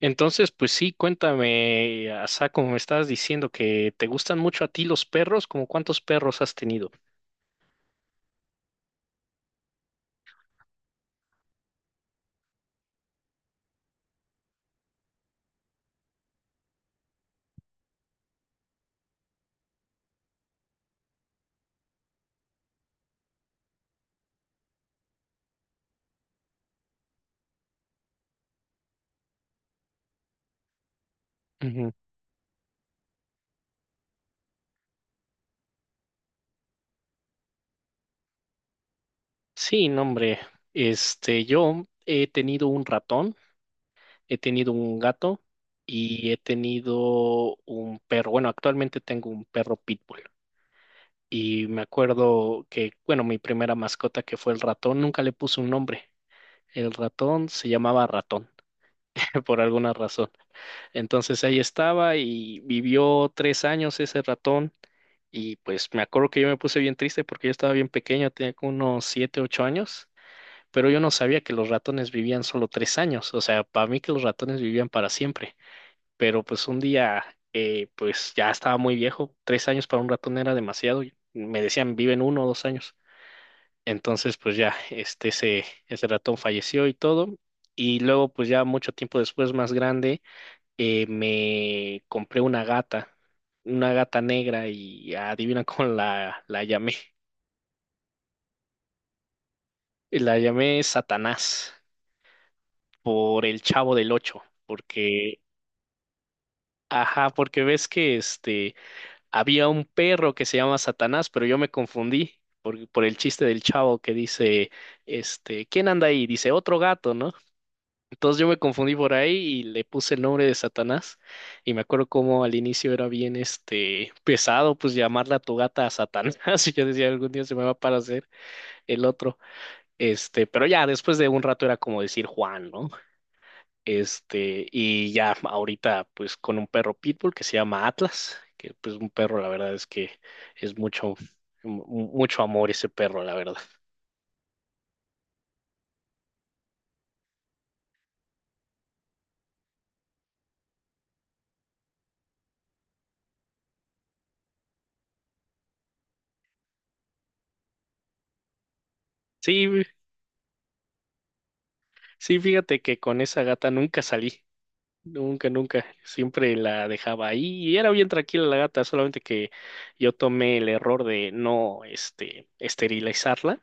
Entonces, pues sí, cuéntame, Asa, como me estabas diciendo que te gustan mucho a ti los perros, ¿como cuántos perros has tenido? Ujú. Sí, no, hombre, yo he tenido un ratón, he tenido un gato y he tenido un perro. Bueno, actualmente tengo un perro pitbull y me acuerdo que, bueno, mi primera mascota que fue el ratón, nunca le puse un nombre. El ratón se llamaba ratón por alguna razón. Entonces ahí estaba y vivió 3 años ese ratón y pues me acuerdo que yo me puse bien triste porque yo estaba bien pequeño, tenía como unos 7, 8 años, pero yo no sabía que los ratones vivían solo 3 años, o sea, para mí que los ratones vivían para siempre, pero pues un día pues ya estaba muy viejo, 3 años para un ratón era demasiado, y me decían viven 1 o 2 años, entonces pues ya ese ratón falleció y todo. Y luego, pues ya mucho tiempo después, más grande, me compré una gata negra y adivina cómo la llamé. La llamé Satanás por el Chavo del Ocho, porque, ajá, porque ves que había un perro que se llama Satanás, pero yo me confundí por el chiste del chavo que dice, ¿quién anda ahí? Dice, otro gato, ¿no? Entonces yo me confundí por ahí y le puse el nombre de Satanás. Y me acuerdo cómo al inicio era bien pesado, pues llamarla a tu gata a Satanás. Y yo decía, algún día se me va para hacer el otro. Pero ya después de un rato era como decir Juan, ¿no? Y ya ahorita, pues con un perro pitbull que se llama Atlas, que pues un perro, la verdad es que es mu- mucho amor ese perro, la verdad. Sí, sí, fíjate que con esa gata nunca salí. Nunca, nunca. Siempre la dejaba ahí y era bien tranquila la gata, solamente que yo tomé el error de no, esterilizarla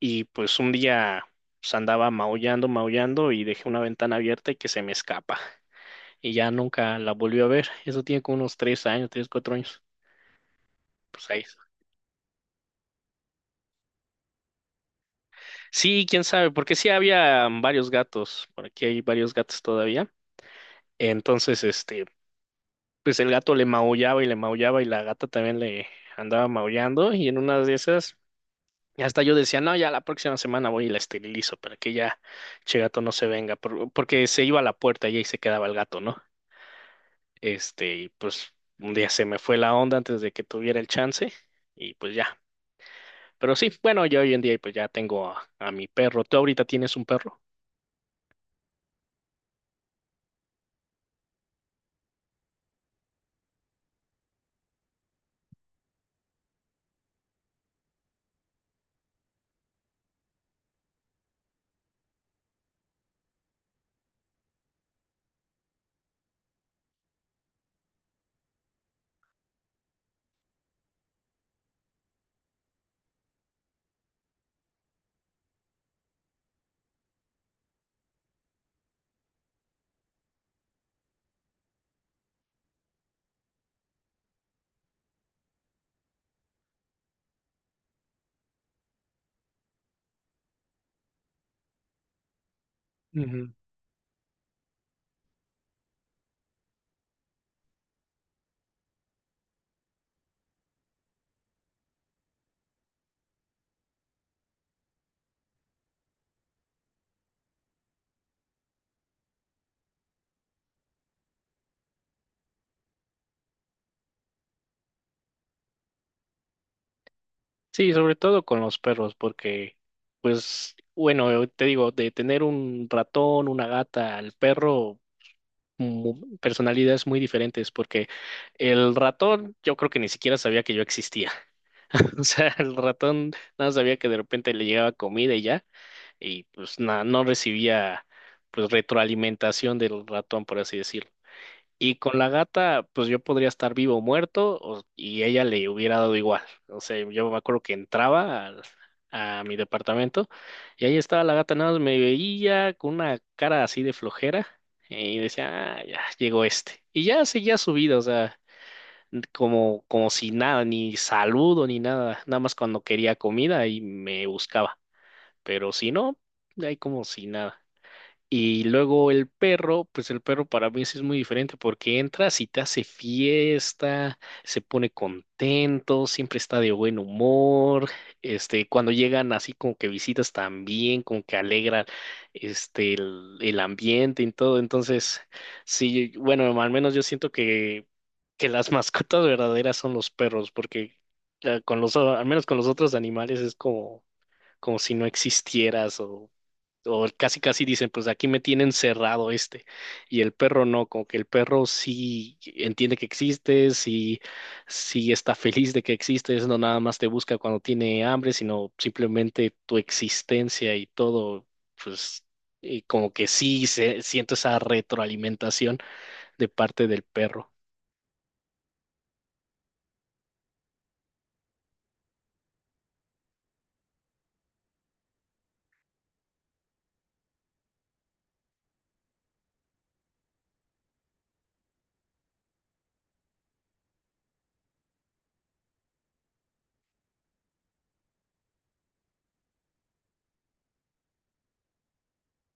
y pues un día pues, andaba maullando, maullando y dejé una ventana abierta y que se me escapa y ya nunca la volví a ver. Eso tiene como unos 3 años, 3, 4 años. Pues ahí. Sí, quién sabe, porque sí había varios gatos, por aquí hay varios gatos todavía. Entonces, pues el gato le maullaba y la gata también le andaba maullando y en una de esas hasta yo decía, no, ya la próxima semana voy y la esterilizo para que ya che gato no se venga, porque se iba a la puerta y ahí se quedaba el gato, ¿no? Y pues un día se me fue la onda antes de que tuviera el chance y pues ya. Pero sí, bueno, yo hoy en día pues ya tengo a mi perro. ¿Tú ahorita tienes un perro? Sí, sobre todo con los perros, porque, pues, bueno, te digo, de tener un ratón, una gata al perro, personalidades muy diferentes, porque el ratón yo creo que ni siquiera sabía que yo existía. O sea, el ratón nada sabía que de repente le llegaba comida y ya, y pues nada, no recibía pues retroalimentación del ratón, por así decirlo. Y con la gata, pues yo podría estar vivo o muerto y ella le hubiera dado igual. O sea, yo me acuerdo que entraba a mi departamento y ahí estaba la gata, nada más me veía con una cara así de flojera y decía, ah, ya llegó este. Y ya seguía su vida, o sea, como si nada, ni saludo ni nada, nada más cuando quería comida y me buscaba. Pero si no, ahí como si nada. Y luego el perro, pues el perro para mí sí es muy diferente porque entra, si te hace fiesta, se pone contento, siempre está de buen humor, cuando llegan así como que visitas también, como que alegran, el ambiente y todo. Entonces, sí, bueno, al menos yo siento que las mascotas verdaderas son los perros porque con los, al menos con los otros animales es como si no existieras o casi casi dicen, pues aquí me tienen cerrado y el perro no, como que el perro sí entiende que existes, sí, sí está feliz de que existes, no nada más te busca cuando tiene hambre, sino simplemente tu existencia y todo, pues y como que sí siento esa retroalimentación de parte del perro.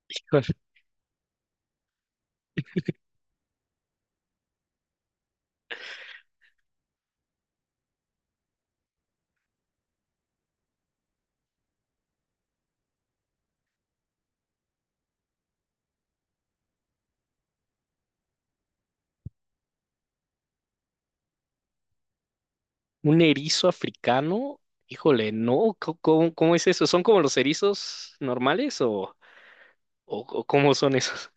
Híjole. Un erizo africano, híjole, no, ¿cómo es eso? ¿Son como los erizos normales o, o cómo son esos?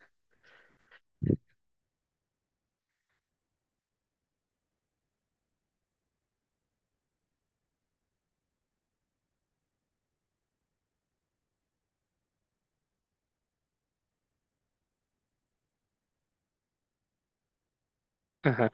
Ajá.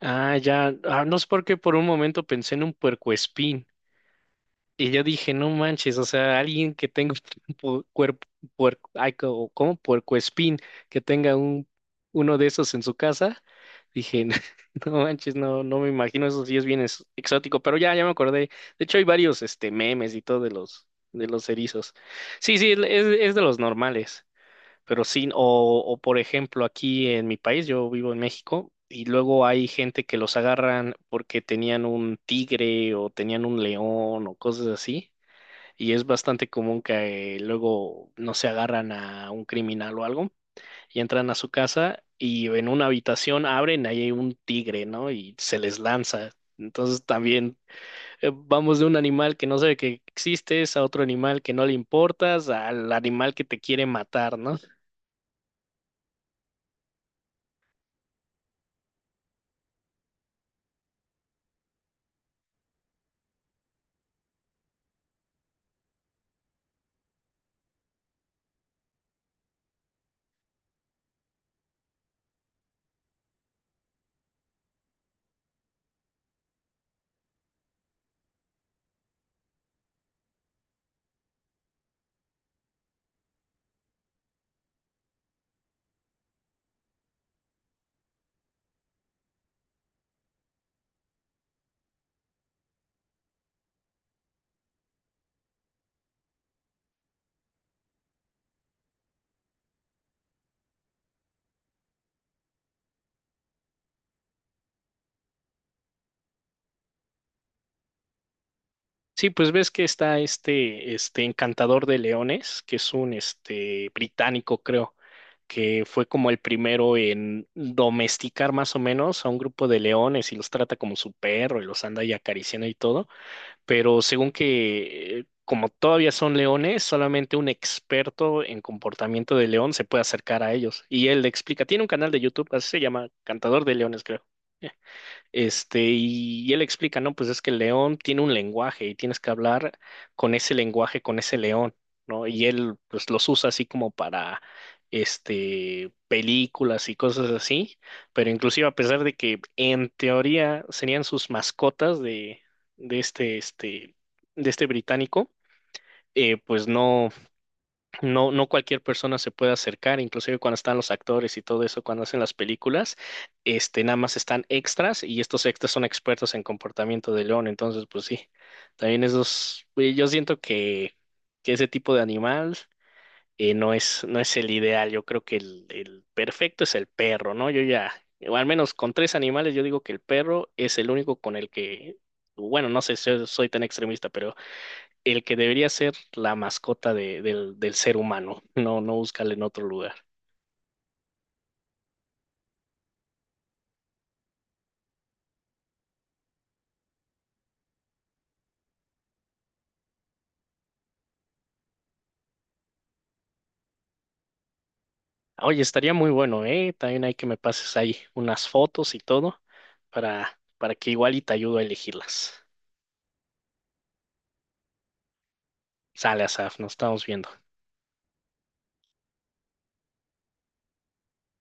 Ah, ya, ah, no es porque por un momento pensé en un puercoespín y yo dije, no manches, o sea, alguien que tenga un cuerpo, puerco, ay, ¿cómo? Puercoespín, que tenga uno de esos en su casa, dije, no manches, no, no me imagino, eso sí es bien exótico, pero ya, ya me acordé, de hecho hay varios, memes y todo de los erizos, sí, sí, es de los normales, pero sí, o por ejemplo, aquí en mi país, yo vivo en México, y luego hay gente que los agarran porque tenían un tigre o tenían un león o cosas así. Y es bastante común que luego no se agarran a un criminal o algo y entran a su casa y en una habitación abren, ahí hay un tigre, ¿no? Y se les lanza. Entonces también vamos de un animal que no sabe que existes a otro animal que no le importas, al animal que te quiere matar, ¿no? Sí, pues ves que está este encantador de leones, que es un británico, creo, que fue como el primero en domesticar más o menos a un grupo de leones y los trata como su perro y los anda ahí acariciando y todo. Pero según que como todavía son leones, solamente un experto en comportamiento de león se puede acercar a ellos. Y él le explica, tiene un canal de YouTube, así se llama, Cantador de Leones, creo. Y él explica, no, pues es que el león tiene un lenguaje y tienes que hablar con ese lenguaje, con ese león, ¿no? Y él, pues, los usa así como para, películas y cosas así, pero inclusive a pesar de que en teoría serían sus mascotas de este, este, de este británico, pues no. No, no cualquier persona se puede acercar, inclusive cuando están los actores y todo eso, cuando hacen las películas, nada más están extras y estos extras son expertos en comportamiento de león, entonces pues sí, también esos, yo siento que ese tipo de animal no es, no es el ideal, yo creo que el perfecto es el perro, ¿no? Yo ya, o al menos con tres animales, yo digo que el perro es el único con el que, bueno, no sé si soy tan extremista, pero el que debería ser la mascota del ser humano, no, no buscarle en otro lugar. Oye, estaría muy bueno, ¿eh? También hay que me pases ahí unas fotos y todo para que igual y te ayudo a elegirlas. Sale, Asaf, nos estamos viendo.